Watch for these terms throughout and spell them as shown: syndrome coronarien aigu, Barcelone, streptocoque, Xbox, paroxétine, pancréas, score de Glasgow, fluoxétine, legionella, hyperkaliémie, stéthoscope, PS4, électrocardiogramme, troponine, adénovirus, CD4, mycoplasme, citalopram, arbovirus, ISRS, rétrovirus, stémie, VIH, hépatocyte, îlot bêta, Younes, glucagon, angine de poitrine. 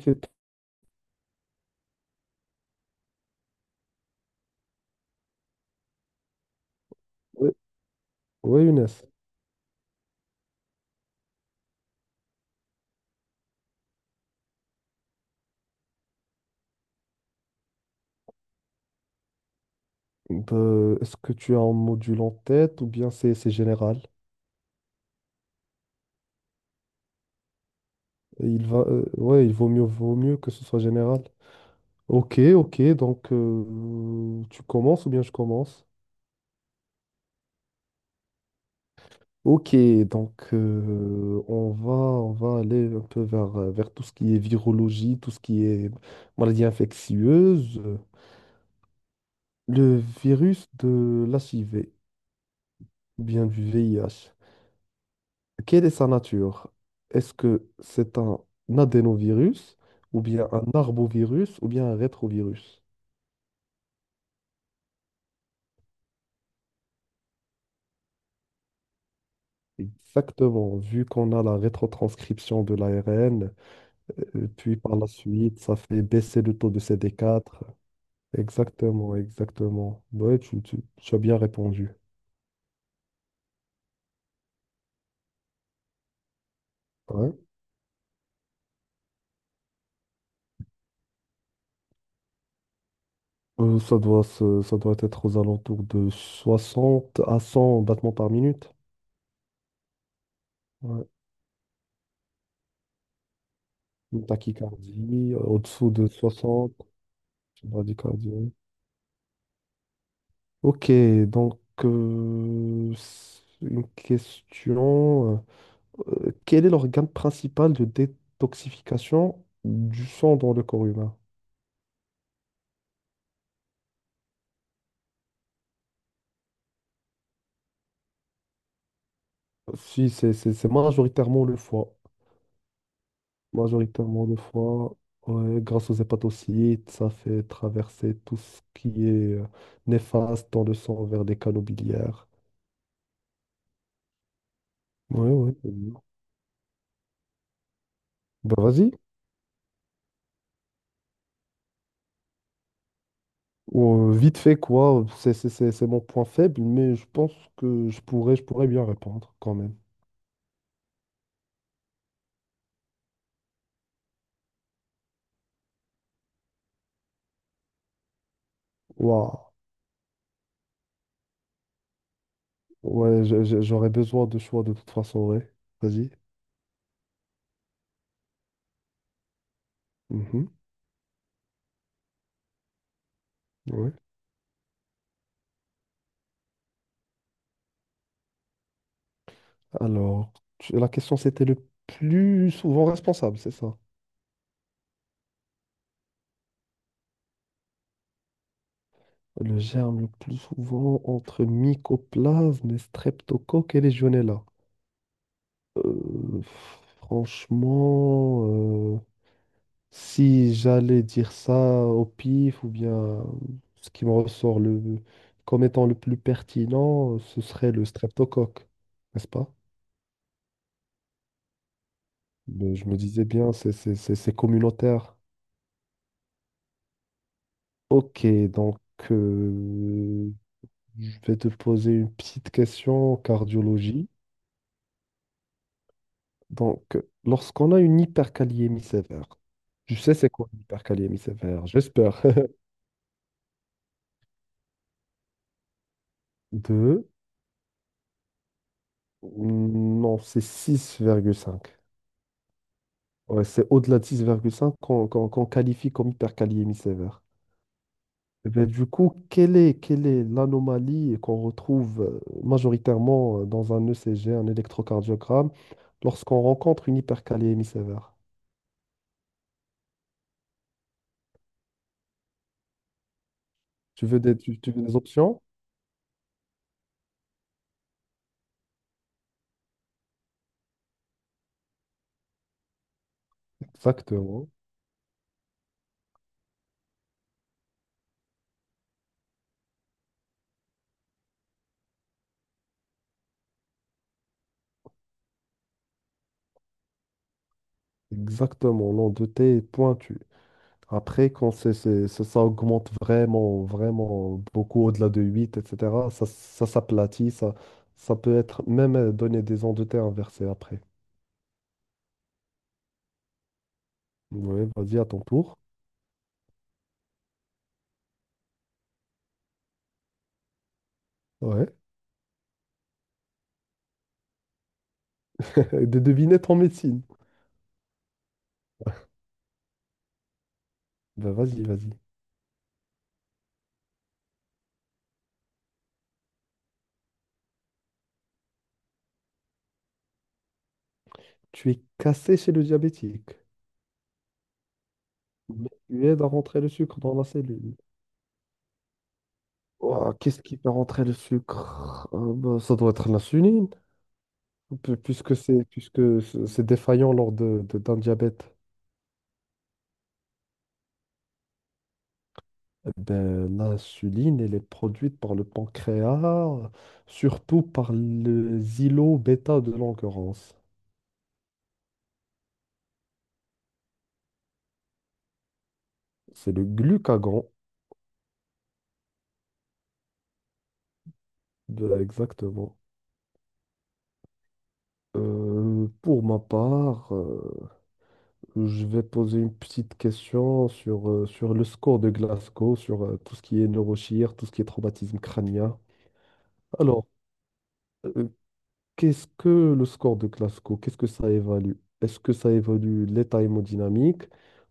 Ok. Ouais, ouais, Younes. Ben, est-ce que tu as un module en tête ou bien c'est général? Ouais, il vaut mieux que ce soit général. Ok, ok, donc tu commences ou bien je commence? Ok, donc on va aller un peu vers tout ce qui est virologie, tout ce qui est maladie infectieuse, le virus de l'HIV, ou bien du VIH. Quelle est sa nature? Est-ce que c'est un adénovirus ou bien un arbovirus ou bien un rétrovirus? Exactement, vu qu'on a la rétrotranscription de l'ARN, puis par la suite, ça fait baisser le taux de CD4. Exactement, exactement. Ouais, tu as bien répondu. Ouais. Ça ça doit être aux alentours de 60 à 100 battements par minute. Ouais. Une tachycardie, au-dessous de 60, une bradycardie. Ok, donc une question. Quel est l'organe principal de détoxification du sang dans le corps humain? Si, c'est majoritairement le foie. Majoritairement le foie, ouais, grâce aux hépatocytes, ça fait traverser tout ce qui est néfaste dans le sang vers les canaux biliaires. Ouais, ouais, c'est bien. Bah, vas-y. Vite fait, quoi, c'est mon point faible, mais je pense que je pourrais bien répondre quand même. Waouh. Ouais, j'aurais besoin de choix de toute façon, ouais. Vas-y. Mhm. Ouais. Alors, la question c'était le plus souvent responsable, c'est ça? Le germe le plus souvent entre mycoplasme, et streptocoque et legionella. Euh, Franchement, euh, si j'allais dire ça au pif ou bien ce qui me ressort le, comme étant le plus pertinent, ce serait le streptocoque, n'est-ce pas? Mais je me disais bien, c'est communautaire. Ok, donc euh, je vais te poser une petite question en cardiologie. Donc, lorsqu'on a une hyperkaliémie sévère, je sais c'est quoi une hyperkaliémie sévère, j'espère. Deux, non, c'est 6,5. Ouais, c'est au-delà de 6,5 qu'on qualifie comme hyperkaliémie sévère. Eh ben, du coup, quelle est l'anomalie qu'on retrouve majoritairement dans un ECG, un électrocardiogramme, lorsqu'on rencontre une hyperkaliémie sévère? Tu veux des options? Exactement. Exactement. L'endetté est pointu. Après, quand ça ça augmente vraiment, vraiment beaucoup au-delà de 8, etc., ça s'aplatit. Ça peut être même donner des ondes de T inversées après. Ouais, vas-y, à ton tour. Ouais. De deviner ton médecine. Ben, vas-y, vas-y. Tu es cassé chez le diabétique. Mais tu aides à rentrer le sucre dans la cellule. Ouah, qu'est-ce qui fait rentrer le sucre? Bah, ça doit être l'insuline, puisque c'est défaillant lors d'un diabète. Eh ben, l'insuline, elle est produite par le pancréas, surtout par les îlots bêta de l'endurance. C'est le glucagon, exactement. Pour ma part, je vais poser une petite question sur, sur le score de Glasgow, sur tout ce qui est neurochir, tout ce qui est traumatisme crânien. Alors, euh, qu'est-ce que le score de Glasgow? Qu'est-ce que ça évalue? Est-ce que ça évalue l'état hémodynamique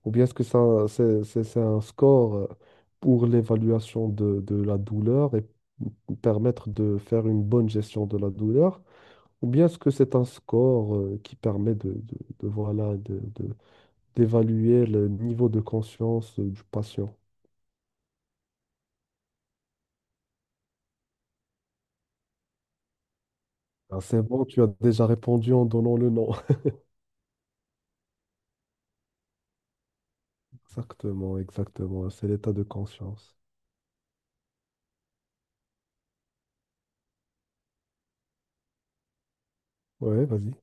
ou bien est-ce que c'est un score pour l'évaluation de la douleur et permettre de faire une bonne gestion de la douleur? Ou bien est-ce que c'est un score qui permet de, voilà, d'évaluer le niveau de conscience du patient. Ah, c'est bon, tu as déjà répondu en donnant le nom. Exactement, exactement. C'est l'état de conscience. Ouais, vas-y.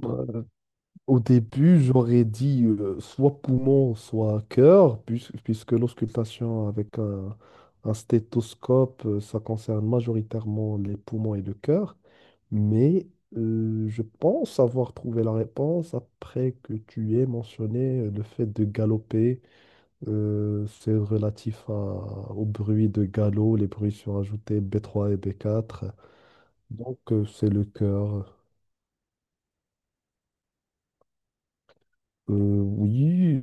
Voilà. Au début, j'aurais dit soit poumon, soit cœur, puisque l'auscultation avec un stéthoscope, ça concerne majoritairement les poumons et le cœur. Mais je pense avoir trouvé la réponse après que tu aies mentionné le fait de galoper. C'est relatif au bruit de galop. Les bruits sont ajoutés B3 et B4. Donc, c'est le cœur. Oui,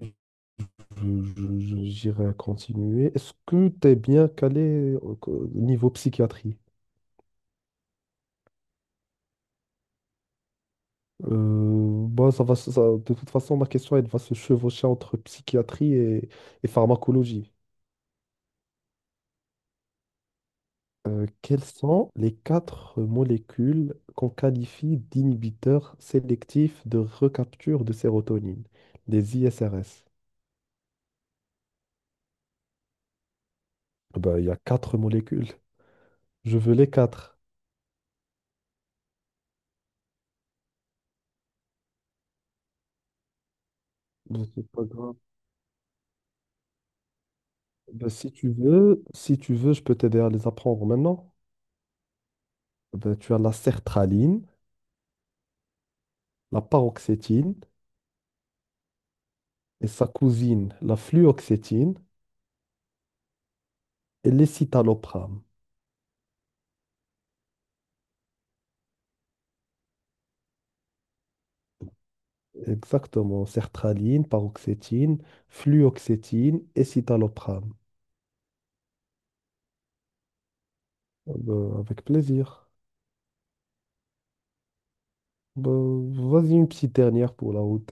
j'irai continuer. Est-ce que tu es bien calé au niveau psychiatrie? Bah, ça va, de toute façon, ma question, elle va se chevaucher entre psychiatrie et pharmacologie. Quelles sont les quatre molécules qu'on qualifie d'inhibiteurs sélectifs de recapture de sérotonine, les ISRS? Ben, il y a quatre molécules. Je veux les quatre. Ben, c'est pas grave. Ben, si tu veux, je peux t'aider à les apprendre maintenant. Eh ben, tu as la sertraline, la paroxétine et sa cousine, la fluoxétine et l'escitalopram. Exactement, sertraline, paroxétine, fluoxétine et citalopram. Ah ben, avec plaisir. Ben, vas-y, une petite dernière pour la route.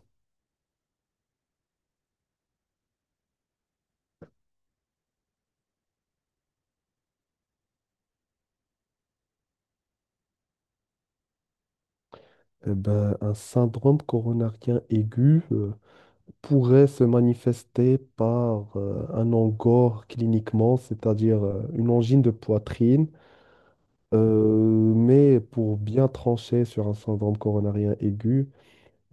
Eh ben, un syndrome coronarien aigu pourrait se manifester par un angor cliniquement, c'est-à-dire une angine de poitrine. Mais pour bien trancher sur un syndrome coronarien aigu,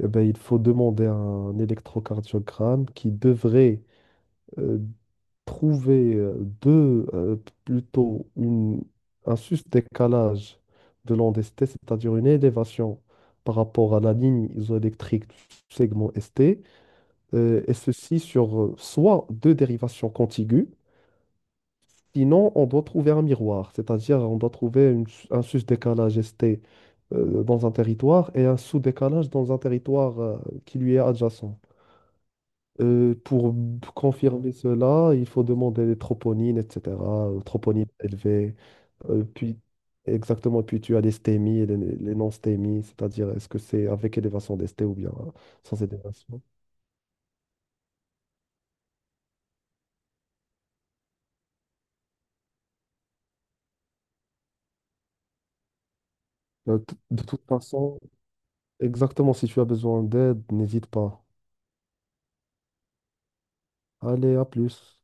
eh ben, il faut demander un électrocardiogramme qui devrait euh, trouver deux, euh, plutôt une, un juste décalage de l'onde ST, c'est-à-dire une élévation par rapport à la ligne isoélectrique du segment ST, et ceci sur soit deux dérivations contiguës, sinon on doit trouver un miroir, c'est-à-dire on doit trouver un juste décalage ST dans un territoire et un sous-décalage dans un territoire qui lui est adjacent. Pour confirmer cela, il faut demander des troponines, etc. Troponines élevées. euh, puis, Exactement, puis tu as les stémies et les non-stémies, c'est-à-dire est-ce que c'est avec élévation des stés ou bien sans élévation. De toute façon, exactement, si tu as besoin d'aide, n'hésite pas. Allez, à plus.